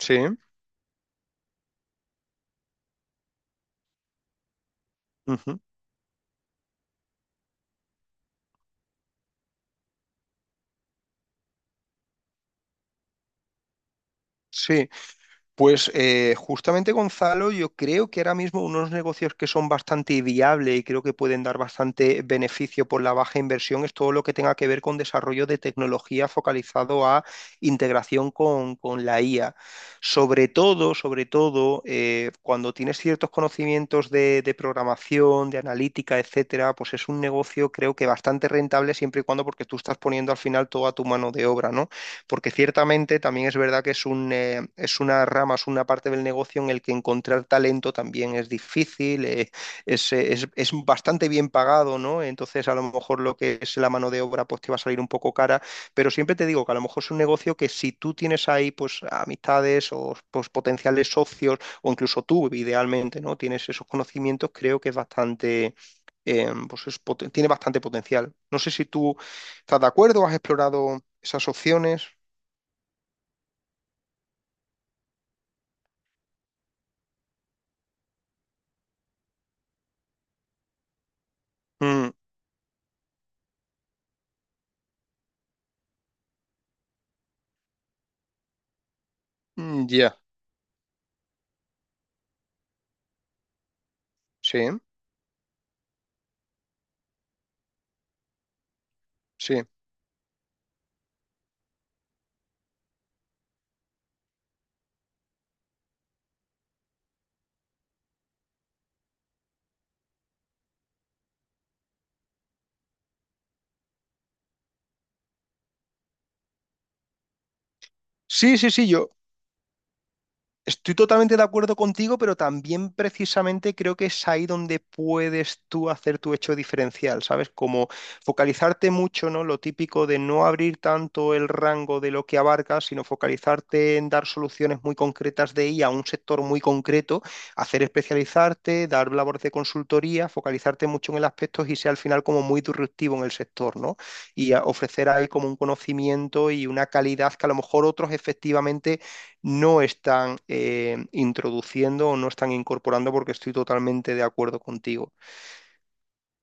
Sí, ujú, sí. Pues justamente Gonzalo, yo creo que ahora mismo unos negocios que son bastante viables y creo que pueden dar bastante beneficio por la baja inversión es todo lo que tenga que ver con desarrollo de tecnología focalizado a integración con la IA. Sobre todo, cuando tienes ciertos conocimientos de programación, de analítica, etcétera, pues es un negocio creo que bastante rentable siempre y cuando, porque tú estás poniendo al final toda tu mano de obra, ¿no? Porque ciertamente también es verdad que es un, es una rama, es una parte del negocio en el que encontrar talento también es difícil, es, es bastante bien pagado, ¿no? Entonces, a lo mejor lo que es la mano de obra pues te va a salir un poco cara, pero siempre te digo que a lo mejor es un negocio que, si tú tienes ahí pues amistades o pues potenciales socios, o incluso tú idealmente, ¿no?, tienes esos conocimientos, creo que es bastante, pues es tiene bastante potencial. No sé si tú estás de acuerdo, has explorado esas opciones. Mm, mm, ya. Sí, sí. Sí, sí, sí, estoy totalmente de acuerdo contigo, pero también precisamente creo que es ahí donde puedes tú hacer tu hecho diferencial, ¿sabes? Como focalizarte mucho, ¿no? Lo típico de no abrir tanto el rango de lo que abarcas, sino focalizarte en dar soluciones muy concretas de IA a un sector muy concreto, hacer especializarte, dar labores de consultoría, focalizarte mucho en el aspecto y ser al final como muy disruptivo en el sector, ¿no? Y ofrecer ahí como un conocimiento y una calidad que a lo mejor otros efectivamente no están introduciendo o no están incorporando, porque estoy totalmente de acuerdo contigo.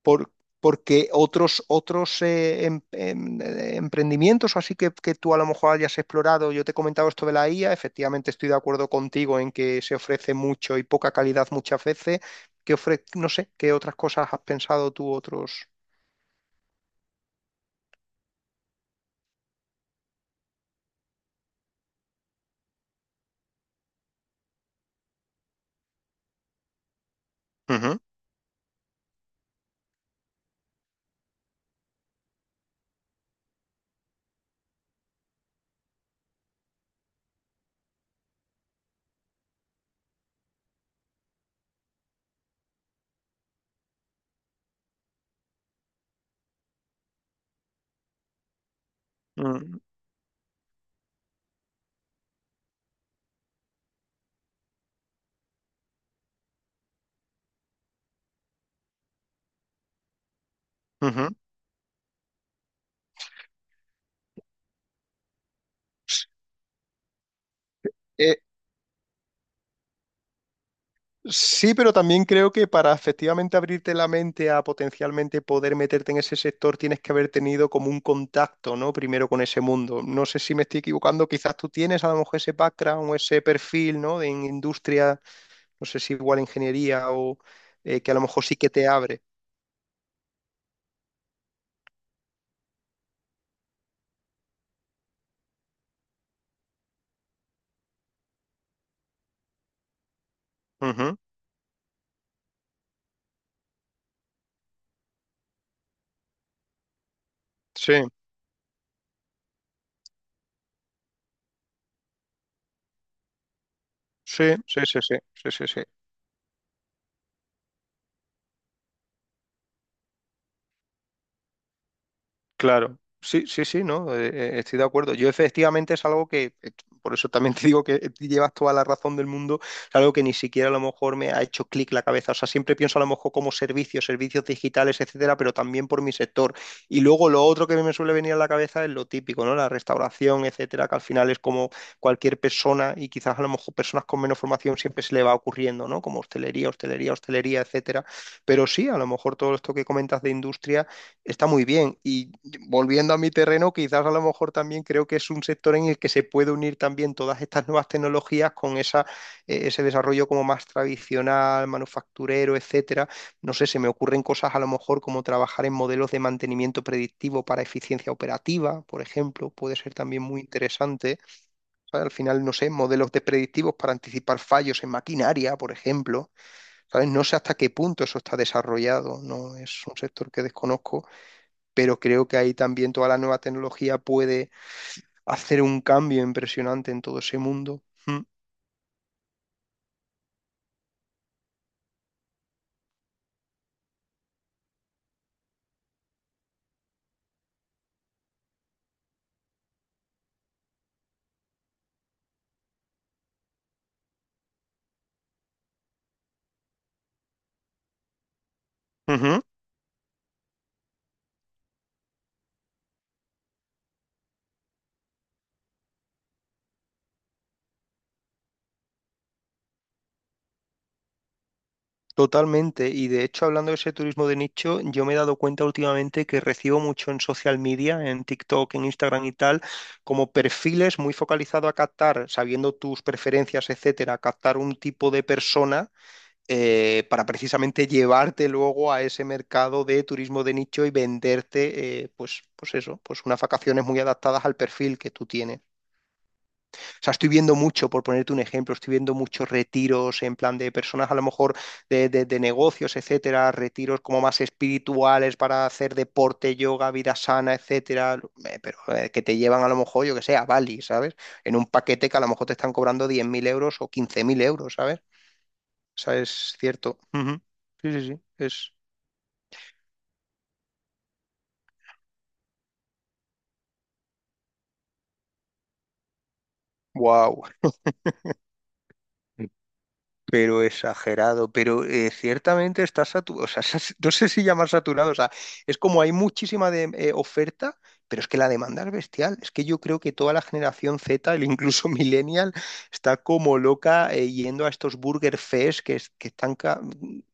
Por- Porque otros emprendimientos, o así, que tú a lo mejor hayas explorado, yo te he comentado esto de la IA, efectivamente estoy de acuerdo contigo en que se ofrece mucho y poca calidad muchas veces. ¿Qué no sé, qué otras cosas has pensado tú, otros? Ujú, mm, ujú. Eh, Sí, pero también creo que para efectivamente abrirte la mente a potencialmente poder meterte en ese sector, tienes que haber tenido como un contacto, ¿no? Primero con ese mundo. No sé si me estoy equivocando, quizás tú tienes a lo mejor ese background o ese perfil, ¿no? De en industria, no sé si igual ingeniería o que a lo mejor sí que te abre. Ujú. Sí, sí, sí, sí, sí, sí, sí, sí. Claro, sí, sí, sí, no, estoy de acuerdo. Yo efectivamente es algo que, por eso también te digo que llevas toda la razón del mundo, es algo que ni siquiera a lo mejor me ha hecho clic la cabeza. O sea, siempre pienso a lo mejor como servicios, servicios digitales, etcétera, pero también por mi sector. Y luego lo otro que me suele venir a la cabeza es lo típico, ¿no? La restauración, etcétera, que al final es como cualquier persona, y quizás a lo mejor personas con menos formación siempre se le va ocurriendo, ¿no? Como hostelería, hostelería, hostelería, etcétera. Pero sí, a lo mejor todo esto que comentas de industria. Está muy bien. Y volviendo a mi terreno, quizás a lo mejor también creo que es un sector en el que se puede unir también todas estas nuevas tecnologías con esa, ese desarrollo como más tradicional, manufacturero, etcétera. No sé, se me ocurren cosas a lo mejor como trabajar en modelos de mantenimiento predictivo para eficiencia operativa, por ejemplo, puede ser también muy interesante. ¿Sabes? Al final, no sé, modelos de predictivos para anticipar fallos en maquinaria, por ejemplo. ¿Sabes? No sé hasta qué punto eso está desarrollado, ¿no? Es un sector que desconozco, pero creo que ahí también toda la nueva tecnología puede hacer un cambio impresionante en todo ese mundo. Mm. Ujú. Totalmente, y de hecho, hablando de ese turismo de nicho, yo me he dado cuenta últimamente que recibo mucho en social media, en TikTok, en Instagram y tal, como perfiles muy focalizados a captar, sabiendo tus preferencias, etcétera, a captar un tipo de persona para precisamente llevarte luego a ese mercado de turismo de nicho y venderte, pues, pues eso, pues unas vacaciones muy adaptadas al perfil que tú tienes. O sea, estoy viendo mucho, por ponerte un ejemplo, estoy viendo muchos retiros en plan de personas a lo mejor de negocios, etcétera, retiros como más espirituales para hacer deporte, yoga, vida sana, etcétera, pero que te llevan a lo mejor, yo que sé, a Bali, ¿sabes? En un paquete que a lo mejor te están cobrando 10.000 euros o 15.000 euros, ¿sabes? O sea, es cierto. Ujú. Sí, sí, sí. Es wow. Pero exagerado. Pero ciertamente está saturado. O sea, no sé si llamar saturado. O sea, es como hay muchísima de, oferta, pero es que la demanda es bestial. Es que yo creo que toda la generación Z, el incluso millennial, está como loca, yendo a estos Burger Fest que, que están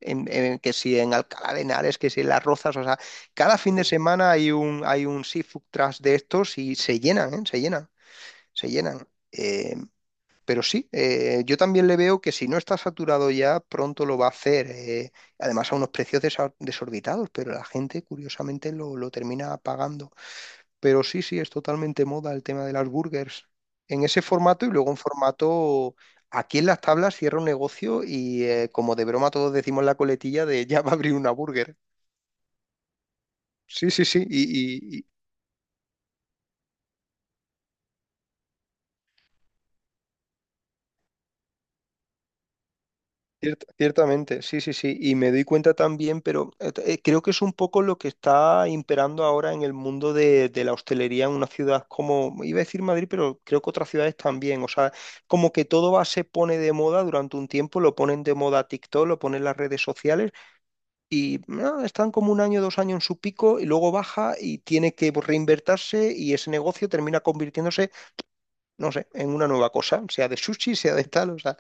que si en Alcalá de Henares, que si en Las Rozas. O sea, cada fin de semana hay hay un seafood truck de estos y se llenan, ¿eh? Se llenan. Se llenan. Pero sí, yo también le veo que, si no está saturado ya, pronto lo va a hacer. Además, a unos precios desorbitados, pero la gente curiosamente lo termina pagando. Pero sí, sí, es totalmente moda el tema de las burgers. En ese formato y luego en formato... Aquí en las tablas cierra un negocio y como de broma todos decimos la coletilla de ya va a abrir una burger. Sí, sí, sí. Y, ciertamente, sí, sí, sí, y me doy cuenta también, pero creo que es un poco lo que está imperando ahora en el mundo de la hostelería en una ciudad como, iba a decir Madrid, pero creo que otras ciudades también, o sea, como que todo va, se pone de moda durante un tiempo, lo ponen de moda TikTok, lo ponen las redes sociales y ah, están como un año, dos años en su pico y luego baja y tiene que reinvertirse y ese negocio termina convirtiéndose, no sé, en una nueva cosa, sea de sushi, sea de tal, o sea.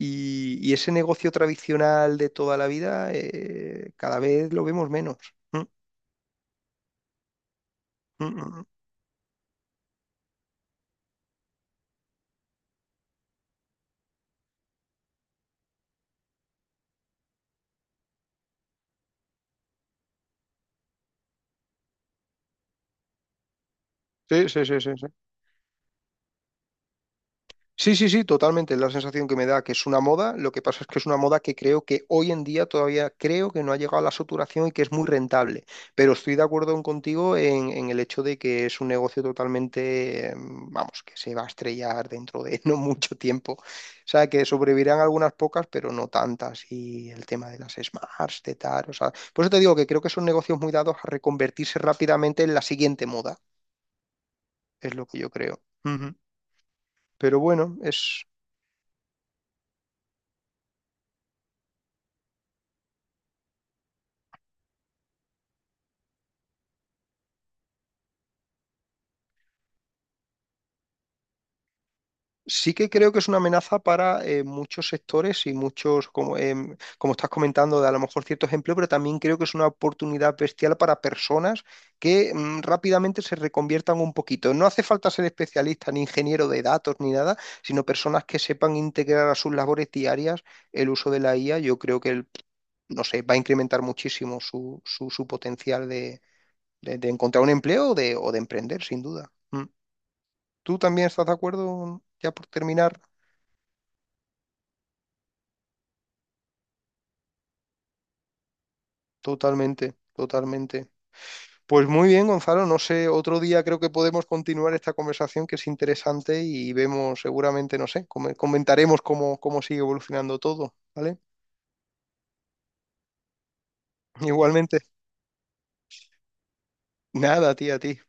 Y ese negocio tradicional de toda la vida, cada vez lo vemos menos. Mm, mm, mm. Sí, sí, sí, sí, sí. Sí, sí, sí, totalmente. Es la sensación que me da, que es una moda. Lo que pasa es que es una moda que creo que hoy en día todavía creo que no ha llegado a la saturación y que es muy rentable. Pero estoy de acuerdo contigo en el hecho de que es un negocio totalmente, vamos, que se va a estrellar dentro de no mucho tiempo. O sea, que sobrevivirán algunas pocas, pero no tantas. Y el tema de las Smarts, de tal, o sea, por eso te digo que creo que son negocios muy dados a reconvertirse rápidamente en la siguiente moda. Es lo que yo creo. Ujú. Pero bueno, es... Sí que creo que es una amenaza para muchos sectores y muchos, como, como estás comentando, de a lo mejor ciertos empleos, pero también creo que es una oportunidad bestial para personas que mm, rápidamente se reconviertan un poquito. No hace falta ser especialista ni ingeniero de datos ni nada, sino personas que sepan integrar a sus labores diarias el uso de la IA. Yo creo que, no sé, va a incrementar muchísimo su, su potencial de encontrar un empleo o de emprender, sin duda. Mm. ¿Tú también estás de acuerdo, ya por terminar? Totalmente, totalmente. Pues muy bien, Gonzalo, no sé, otro día creo que podemos continuar esta conversación, que es interesante, y vemos seguramente, no sé, comentaremos cómo, cómo sigue evolucionando todo, ¿vale? Igualmente, nada, tía, a ti.